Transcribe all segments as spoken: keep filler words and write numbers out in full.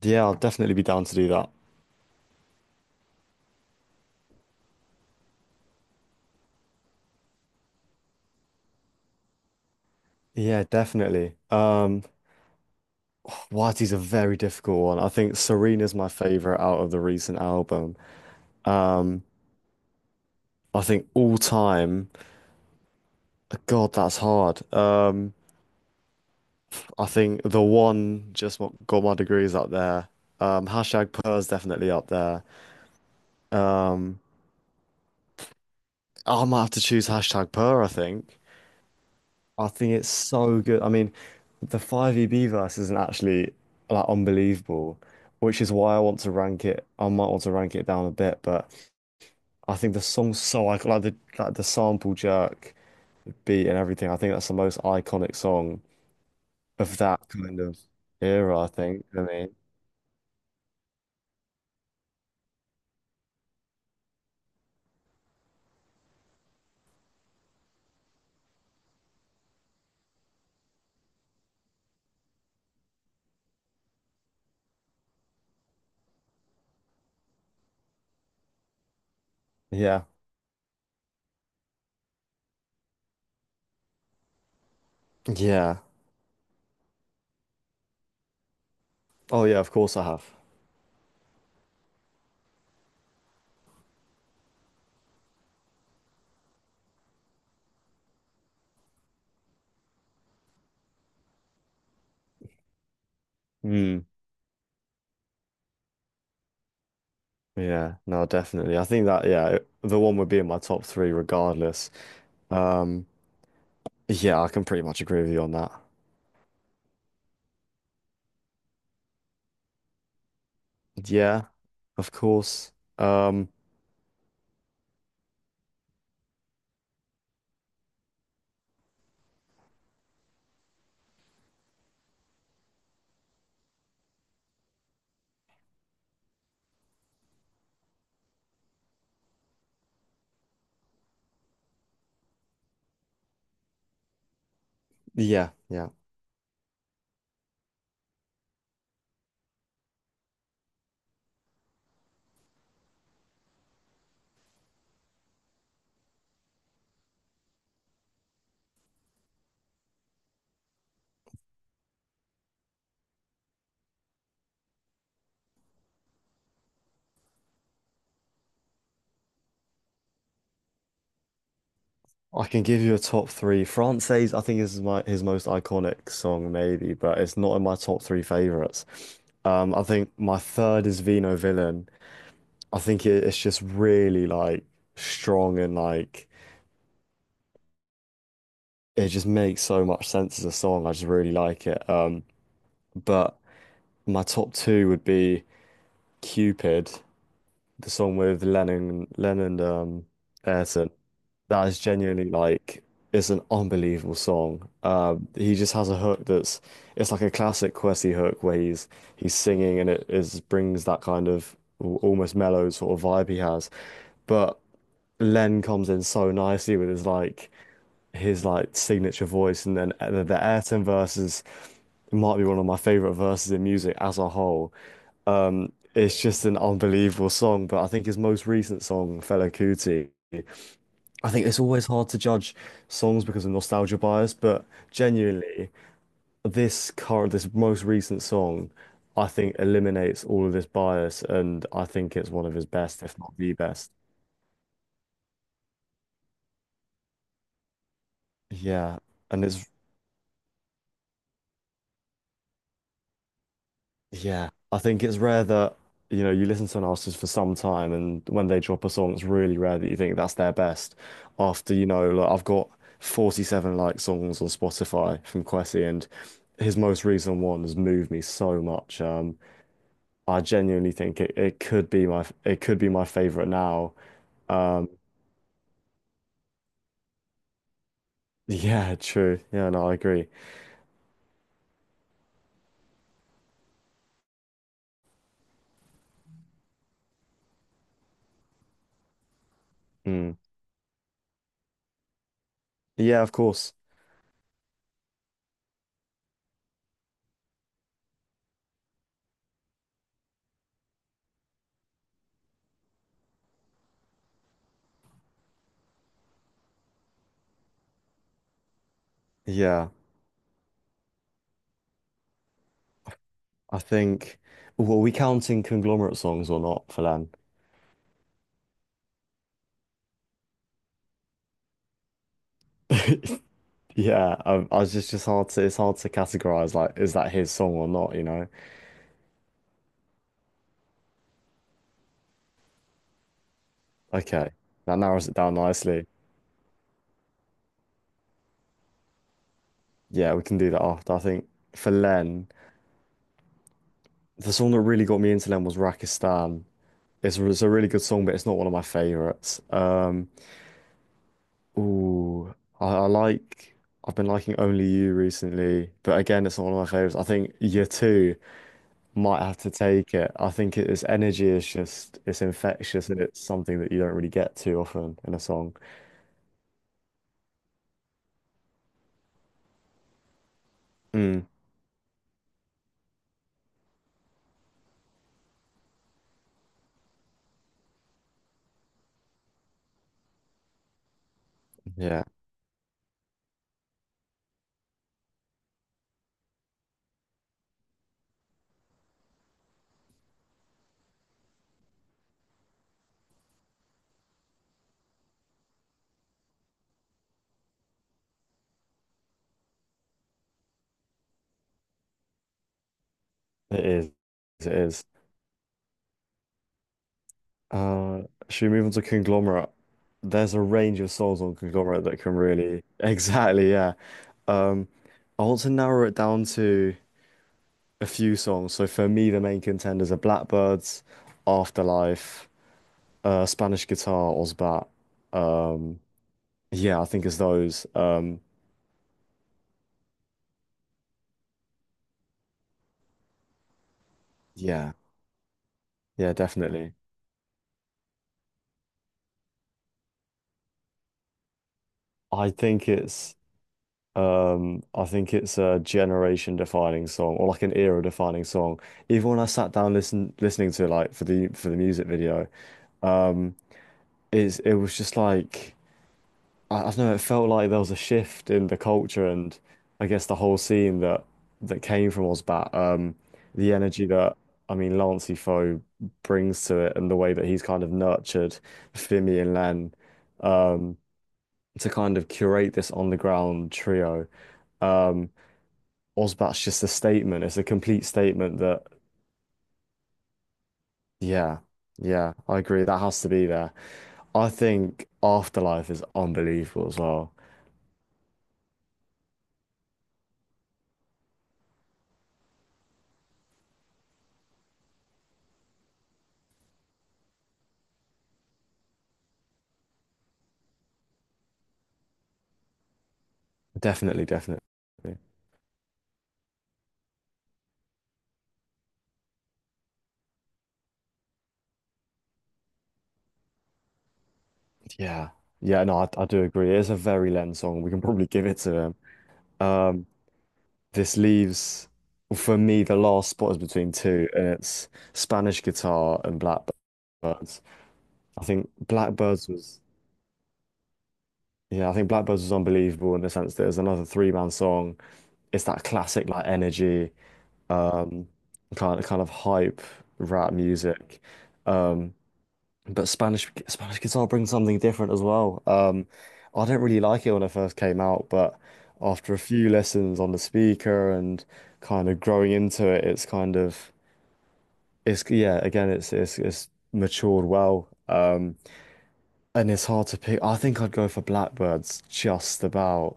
Yeah, I'll definitely be down to do that. Yeah, definitely. Um, Wadi's a very difficult one. I think Serena's my favorite out of the recent album. Um, I think all time, God, that's hard. Um, I think the one just what got my degree is up there. Um, hashtag Purr's definitely up there. Um, I might have to choose hashtag Purr, I think. I think it's so good. I mean, the five E B verse isn't actually like unbelievable, which is why I want to rank it. I might want to rank it down a bit, but I think the song's so iconic, like the like the sample jerk beat and everything. I think that's the most iconic song of that kind of era, I think. I mean, yeah. Yeah. Oh yeah, of course I have. Mm, yeah, no, definitely. I think that yeah, it- the one would be in my top three regardless. Um, yeah, I can pretty much agree with you on that. Yeah. Of course. Um, yeah, yeah. I can give you a top three. Frances, I think, is my his most iconic song, maybe, but it's not in my top three favorites. Um, I think my third is Vino Villain. I think it, it's just really like strong and like it just makes so much sense as a song. I just really like it. Um, but my top two would be Cupid, the song with Lennon, Lennon, um, Ayrton. That is genuinely like it's an unbelievable song. Um, he just has a hook that's it's like a classic Kwesi hook where he's he's singing and it is brings that kind of al- almost mellow sort of vibe he has. But Len comes in so nicely with his like his like signature voice, and then the, the Ayrton verses might be one of my favorite verses in music as a whole. Um, it's just an unbelievable song. But I think his most recent song, Fela Kuti. I think it's always hard to judge songs because of nostalgia bias, but genuinely, this current, this most recent song, I think eliminates all of this bias, and I think it's one of his best, if not the best. Yeah, and it's yeah, I think it's rare that you know you listen to an artist for some time, and when they drop a song, it's really rare that you think that's their best. After you know, like I've got forty-seven like songs on Spotify from Kwesi, and his most recent one has moved me so much. Um, I genuinely think it, it could be my it could be my favorite now. Um, yeah, true. Yeah, no, I agree. Mm. Yeah, of course. Yeah, I think. Well, are we counting conglomerate songs or not, Phelan? Yeah, um, I was just just hard to it's hard to categorize. Like, is that his song or not? You know? Okay, that narrows it down nicely. Yeah, we can do that after. I think for Len, the song that really got me into Len was Rakistan. It's, it's a really good song, but it's not one of my favorites. Um, Ooh, I, I like. I've been liking Only You recently, but again, it's not one of my favorites. I think Year Two might have to take it. I think it, its energy is just it's infectious and it's something that you don't really get too often in a song. Mm, yeah, it is. It is. Uh, should we move on to Conglomerate? There's a range of songs on Conglomerate that can really exactly yeah. Um, I want to narrow it down to a few songs. So for me, the main contenders are Blackbirds, Afterlife, uh, Spanish Guitar, Ozbat. Um, yeah, I think it's those. Um, yeah, yeah, definitely. I think it's um, I think it's a generation defining song or like an era defining song. Even when I sat down listen listening to it, like for the for the music video, um, it's it was just like. I, I don't know, it felt like there was a shift in the culture and I guess the whole scene that that came from Ozbat. Um, the energy that I mean Lancey brings to it and the way that he's kind of nurtured Fimi and Len, um, to kind of curate this on the ground trio. Um, Ozbat's just a statement. It's a complete statement that yeah, yeah, I agree. That has to be there. I think Afterlife is unbelievable as well. Definitely, definitely. Yeah, yeah, no, I, I do agree. It is a very Len song. We can probably give it to him. Um, this leaves, for me, the last spot is between two, and it's Spanish guitar and Blackbirds. I think Blackbirds was, yeah, I think Blackbirds was unbelievable in the sense that it was another three-man song. It's that classic like energy, um, kind of kind of hype rap music. Um, But Spanish Spanish guitar brings something different as well. Um, I didn't really like it when it first came out, but after a few lessons on the speaker and kind of growing into it, it's kind of it's yeah, again, it's it's it's matured well. Um, and it's hard to pick. I think I'd go for Blackbirds just about.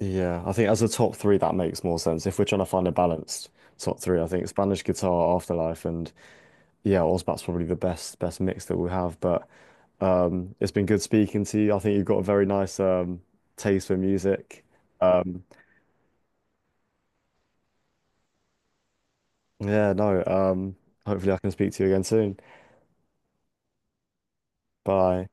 Yeah, I think as a top three, that makes more sense. If we're trying to find a balanced top three, I think Spanish guitar, Afterlife, and yeah, Ozbat's probably the best best mix that we have. But um, it's been good speaking to you. I think you've got a very nice um, taste for music. Um, yeah, no. Um, hopefully, I can speak to you again soon. Bye.